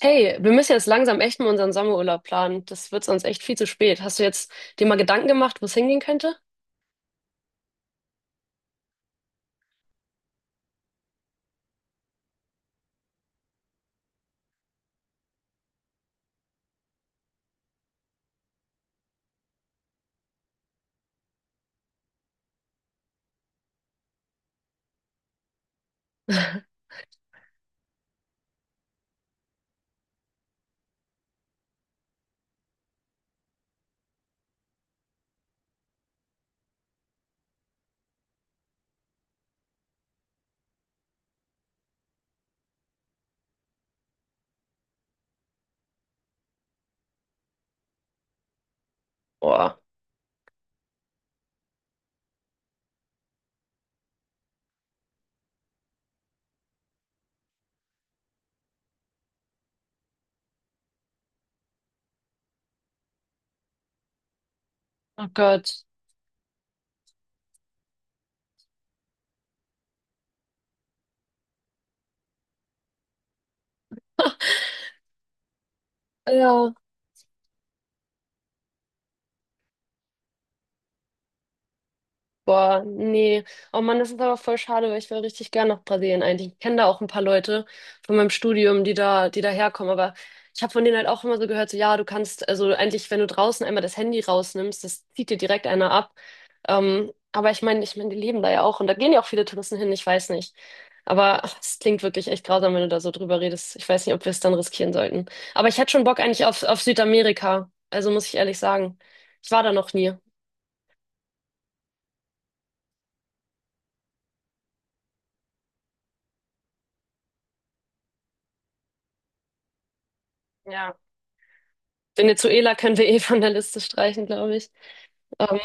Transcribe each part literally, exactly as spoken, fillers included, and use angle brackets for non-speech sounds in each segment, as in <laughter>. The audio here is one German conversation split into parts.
Hey, wir müssen jetzt langsam echt mal unseren Sommerurlaub planen. Das wird sonst echt viel zu spät. Hast du jetzt dir mal Gedanken gemacht, wo es hingehen könnte? <laughs> Boah. Oh Gott. Ja. Boah, nee. Oh Mann, das ist aber voll schade, weil ich wäre richtig gern nach Brasilien eigentlich. Ich kenne da auch ein paar Leute von meinem Studium, die da, die da herkommen. Aber ich habe von denen halt auch immer so gehört, so ja, du kannst, also eigentlich, wenn du draußen einmal das Handy rausnimmst, das zieht dir direkt einer ab. Ähm, aber ich meine, ich meine, die leben da ja auch und da gehen ja auch viele Touristen hin, ich weiß nicht. Aber ach, es klingt wirklich echt grausam, wenn du da so drüber redest. Ich weiß nicht, ob wir es dann riskieren sollten. Aber ich hätte schon Bock eigentlich auf, auf Südamerika. Also muss ich ehrlich sagen. Ich war da noch nie. Ja. Venezuela können wir eh von der Liste streichen, glaube ich. Ähm,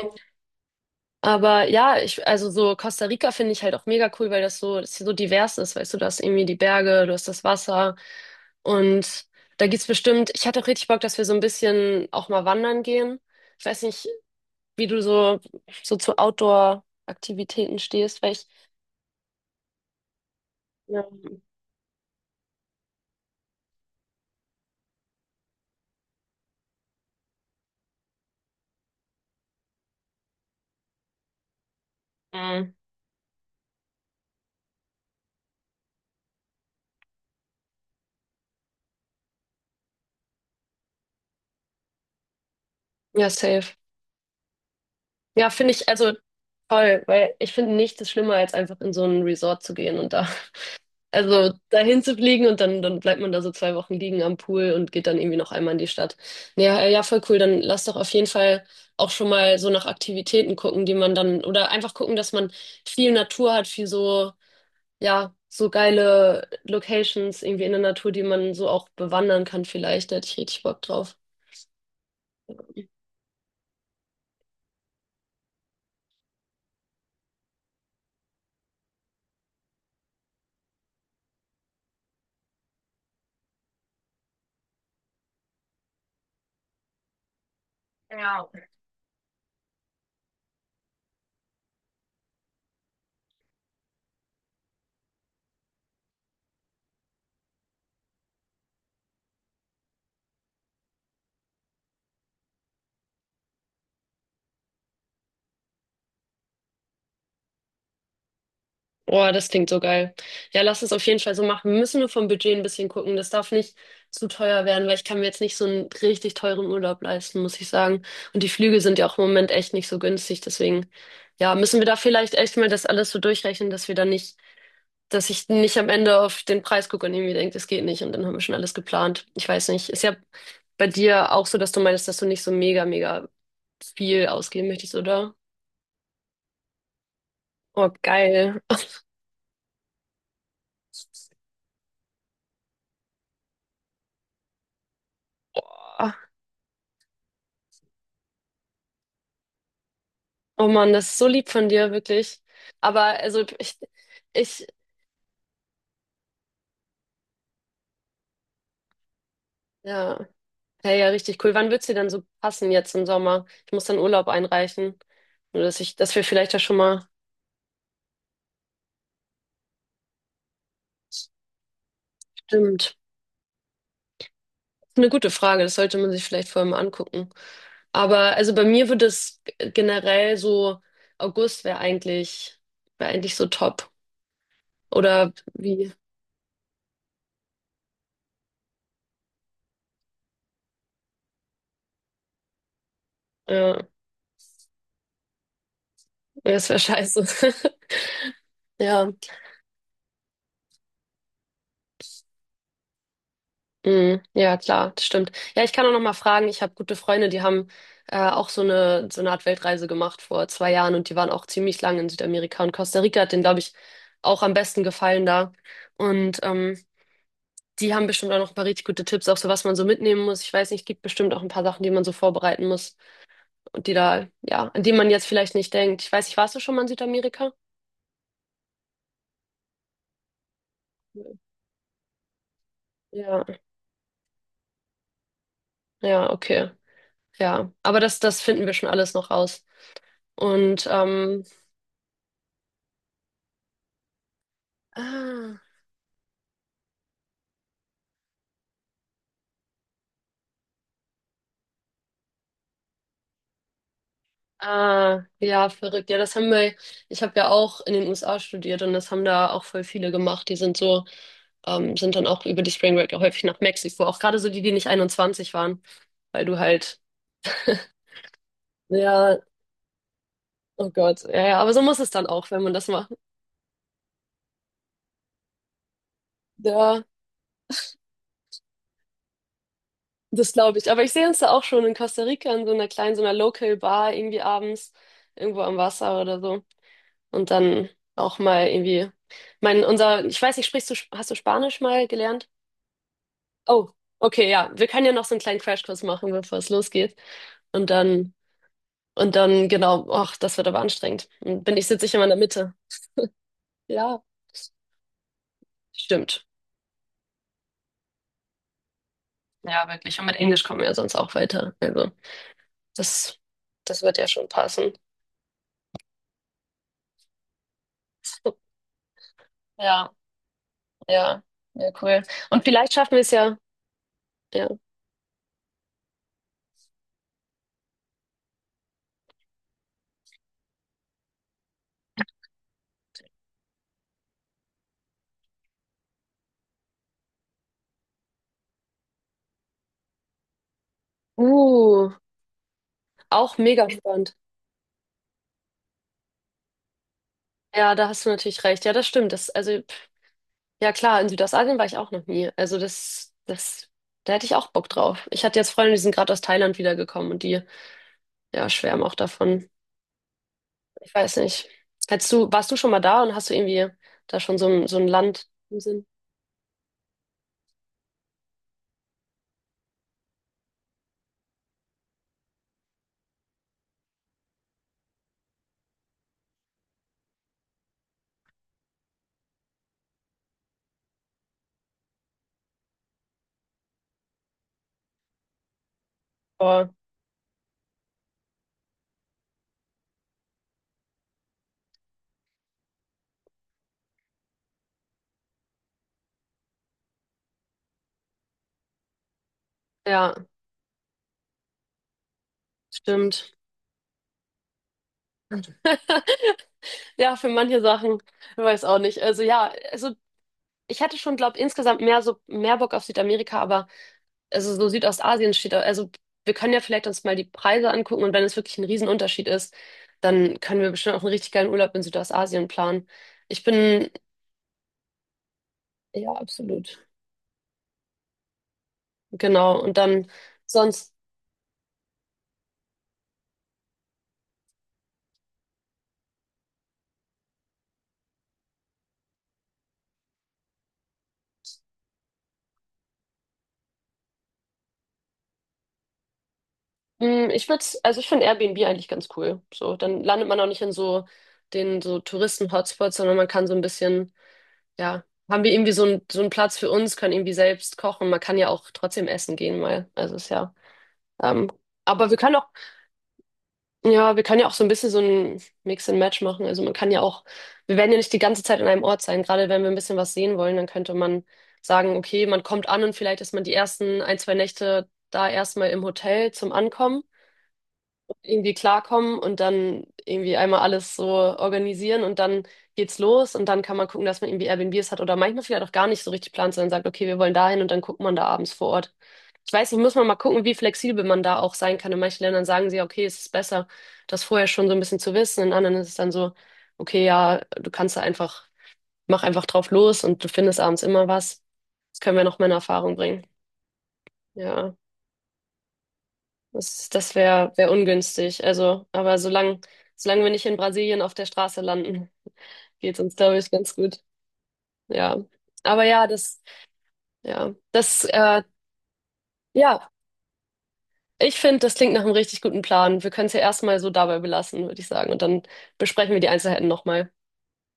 aber ja, ich, also so Costa Rica finde ich halt auch mega cool, weil das so, das hier so divers ist, weißt du, du hast irgendwie die Berge, du hast das Wasser und da gibt's bestimmt, ich hatte auch richtig Bock, dass wir so ein bisschen auch mal wandern gehen. Ich weiß nicht, wie du so, so zu Outdoor-Aktivitäten stehst, weil ich, ja, mm, ja, safe. Ja, finde ich, also toll, weil ich finde nichts ist schlimmer, als einfach in so ein Resort zu gehen und da. Also dahin zu fliegen und dann, dann bleibt man da so zwei Wochen liegen am Pool und geht dann irgendwie noch einmal in die Stadt. Ja, ja, voll cool. Dann lass doch auf jeden Fall auch schon mal so nach Aktivitäten gucken, die man dann, oder einfach gucken, dass man viel Natur hat, viel so, ja, so geile Locations irgendwie in der Natur, die man so auch bewandern kann vielleicht. Da hätte ich richtig Bock drauf. Boah, das klingt so geil. Ja, lass es auf jeden Fall so machen. Wir müssen nur vom Budget ein bisschen gucken. Das darf nicht zu teuer werden, weil ich kann mir jetzt nicht so einen richtig teuren Urlaub leisten, muss ich sagen. Und die Flüge sind ja auch im Moment echt nicht so günstig. Deswegen, ja, müssen wir da vielleicht echt mal das alles so durchrechnen, dass wir da nicht, dass ich nicht am Ende auf den Preis gucke und irgendwie denke, das geht nicht. Und dann haben wir schon alles geplant. Ich weiß nicht. Ist ja bei dir auch so, dass du meinst, dass du nicht so mega, mega viel ausgeben möchtest, oder? Oh, geil. <laughs> Oh Mann, das ist so lieb von dir, wirklich. Aber also ich, ich, ja, hey, ja, richtig cool. Wann wird's dir denn so passen jetzt im Sommer? Ich muss dann Urlaub einreichen. Nur dass ich, dass wir vielleicht da schon mal. Stimmt. Eine gute Frage, das sollte man sich vielleicht vorher mal angucken. Aber also bei mir würde es g- generell so, August wäre eigentlich, wäre eigentlich so top. Oder wie? Ja, das wäre scheiße. <laughs> Ja. Mhm. Ja, klar, das stimmt. Ja, ich kann auch noch mal fragen. Ich habe gute Freunde, die haben äh, auch so eine, so eine Art Weltreise gemacht vor zwei Jahren und die waren auch ziemlich lange in Südamerika und Costa Rica hat denen, glaube ich, auch am besten gefallen da. Und ähm, die haben bestimmt auch noch ein paar richtig gute Tipps, auch so was man so mitnehmen muss. Ich weiß nicht, gibt bestimmt auch ein paar Sachen, die man so vorbereiten muss und die da, ja, an die man jetzt vielleicht nicht denkt. Ich weiß nicht, warst du schon mal in Südamerika? Ja, ja, okay. Ja, aber das, das finden wir schon alles noch raus. Und ähm, ah. Ah, ja, verrückt. Ja, das haben wir, ich habe ja auch in den U S A studiert und das haben da auch voll viele gemacht. Die sind so, ähm, sind dann auch über die Spring Break auch häufig nach Mexiko, auch gerade so die, die nicht einundzwanzig waren, weil du halt, ja, oh Gott, ja, ja, aber so muss es dann auch, wenn man das macht. Ja, das glaube ich. Aber ich sehe uns da auch schon in Costa Rica in so einer kleinen, so einer Local Bar irgendwie abends, irgendwo am Wasser oder so. Und dann auch mal irgendwie, mein, unser, ich weiß nicht, sprichst du, hast du Spanisch mal gelernt? Oh, okay, ja. Wir können ja noch so einen kleinen Crashkurs machen, bevor es losgeht. Und dann, und dann, genau, ach, das wird aber anstrengend. Und bin ich, sitze ich immer in der Mitte. Ja, stimmt. Ja, wirklich. Und mit Englisch kommen wir ja sonst auch weiter. Also, das, das wird ja schon passen. Ja, ja, ja, cool. Und vielleicht schaffen wir es ja. Ja. Uh, auch mega spannend. Ja, da hast du natürlich recht. Ja, das stimmt. Das, also ja klar, in Südostasien war ich auch noch nie. Also das, das, da hätte ich auch Bock drauf. Ich hatte jetzt Freunde, die sind gerade aus Thailand wiedergekommen und die, ja, schwärmen auch davon. Ich weiß nicht. Hättest du, warst du schon mal da und hast du irgendwie da schon so ein, so ein Land im Sinn? Boah, ja, stimmt. <laughs> Ja, für manche Sachen, ich weiß auch nicht. Also ja, also ich hätte schon, glaube insgesamt mehr so mehr Bock auf Südamerika, aber also so Südostasien steht, also wir können ja vielleicht uns mal die Preise angucken und wenn es wirklich ein Riesenunterschied ist, dann können wir bestimmt auch einen richtig geilen Urlaub in Südostasien planen. Ich bin, ja, absolut. Genau. Und dann sonst, mh, ich würde, also ich finde Airbnb eigentlich ganz cool. So, dann landet man auch nicht in so den so Touristen-Hotspots, sondern man kann so ein bisschen, ja, haben wir irgendwie so, ein, so einen Platz für uns, können irgendwie selbst kochen. Man kann ja auch trotzdem essen gehen mal. Also ist ja, ähm, aber wir können auch. Ja, wir können ja auch so ein bisschen so ein Mix and Match machen. Also man kann ja auch, wir werden ja nicht die ganze Zeit an einem Ort sein. Gerade wenn wir ein bisschen was sehen wollen, dann könnte man sagen, okay, man kommt an und vielleicht ist man die ersten ein, zwei Nächte da erstmal im Hotel zum Ankommen, irgendwie klarkommen und dann irgendwie einmal alles so organisieren und dann geht's los und dann kann man gucken, dass man irgendwie Airbnbs hat oder manchmal vielleicht auch gar nicht so richtig plant, sondern sagt, okay, wir wollen dahin und dann guckt man da abends vor Ort. Ich weiß nicht, muss man mal gucken, wie flexibel man da auch sein kann. In manchen Ländern sagen sie, okay, es ist besser, das vorher schon so ein bisschen zu wissen. In anderen ist es dann so, okay, ja, du kannst da einfach, mach einfach drauf los und du findest abends immer was. Das können wir noch mal in Erfahrung bringen. Ja. Das, das wäre wär wär ungünstig. Also, aber solange, solange wir nicht in Brasilien auf der Straße landen, <laughs> geht's uns, glaube ich, ganz gut. Ja. Aber ja, das, ja, das, äh, ja, ich finde, das klingt nach einem richtig guten Plan. Wir können es ja erstmal so dabei belassen, würde ich sagen. Und dann besprechen wir die Einzelheiten nochmal.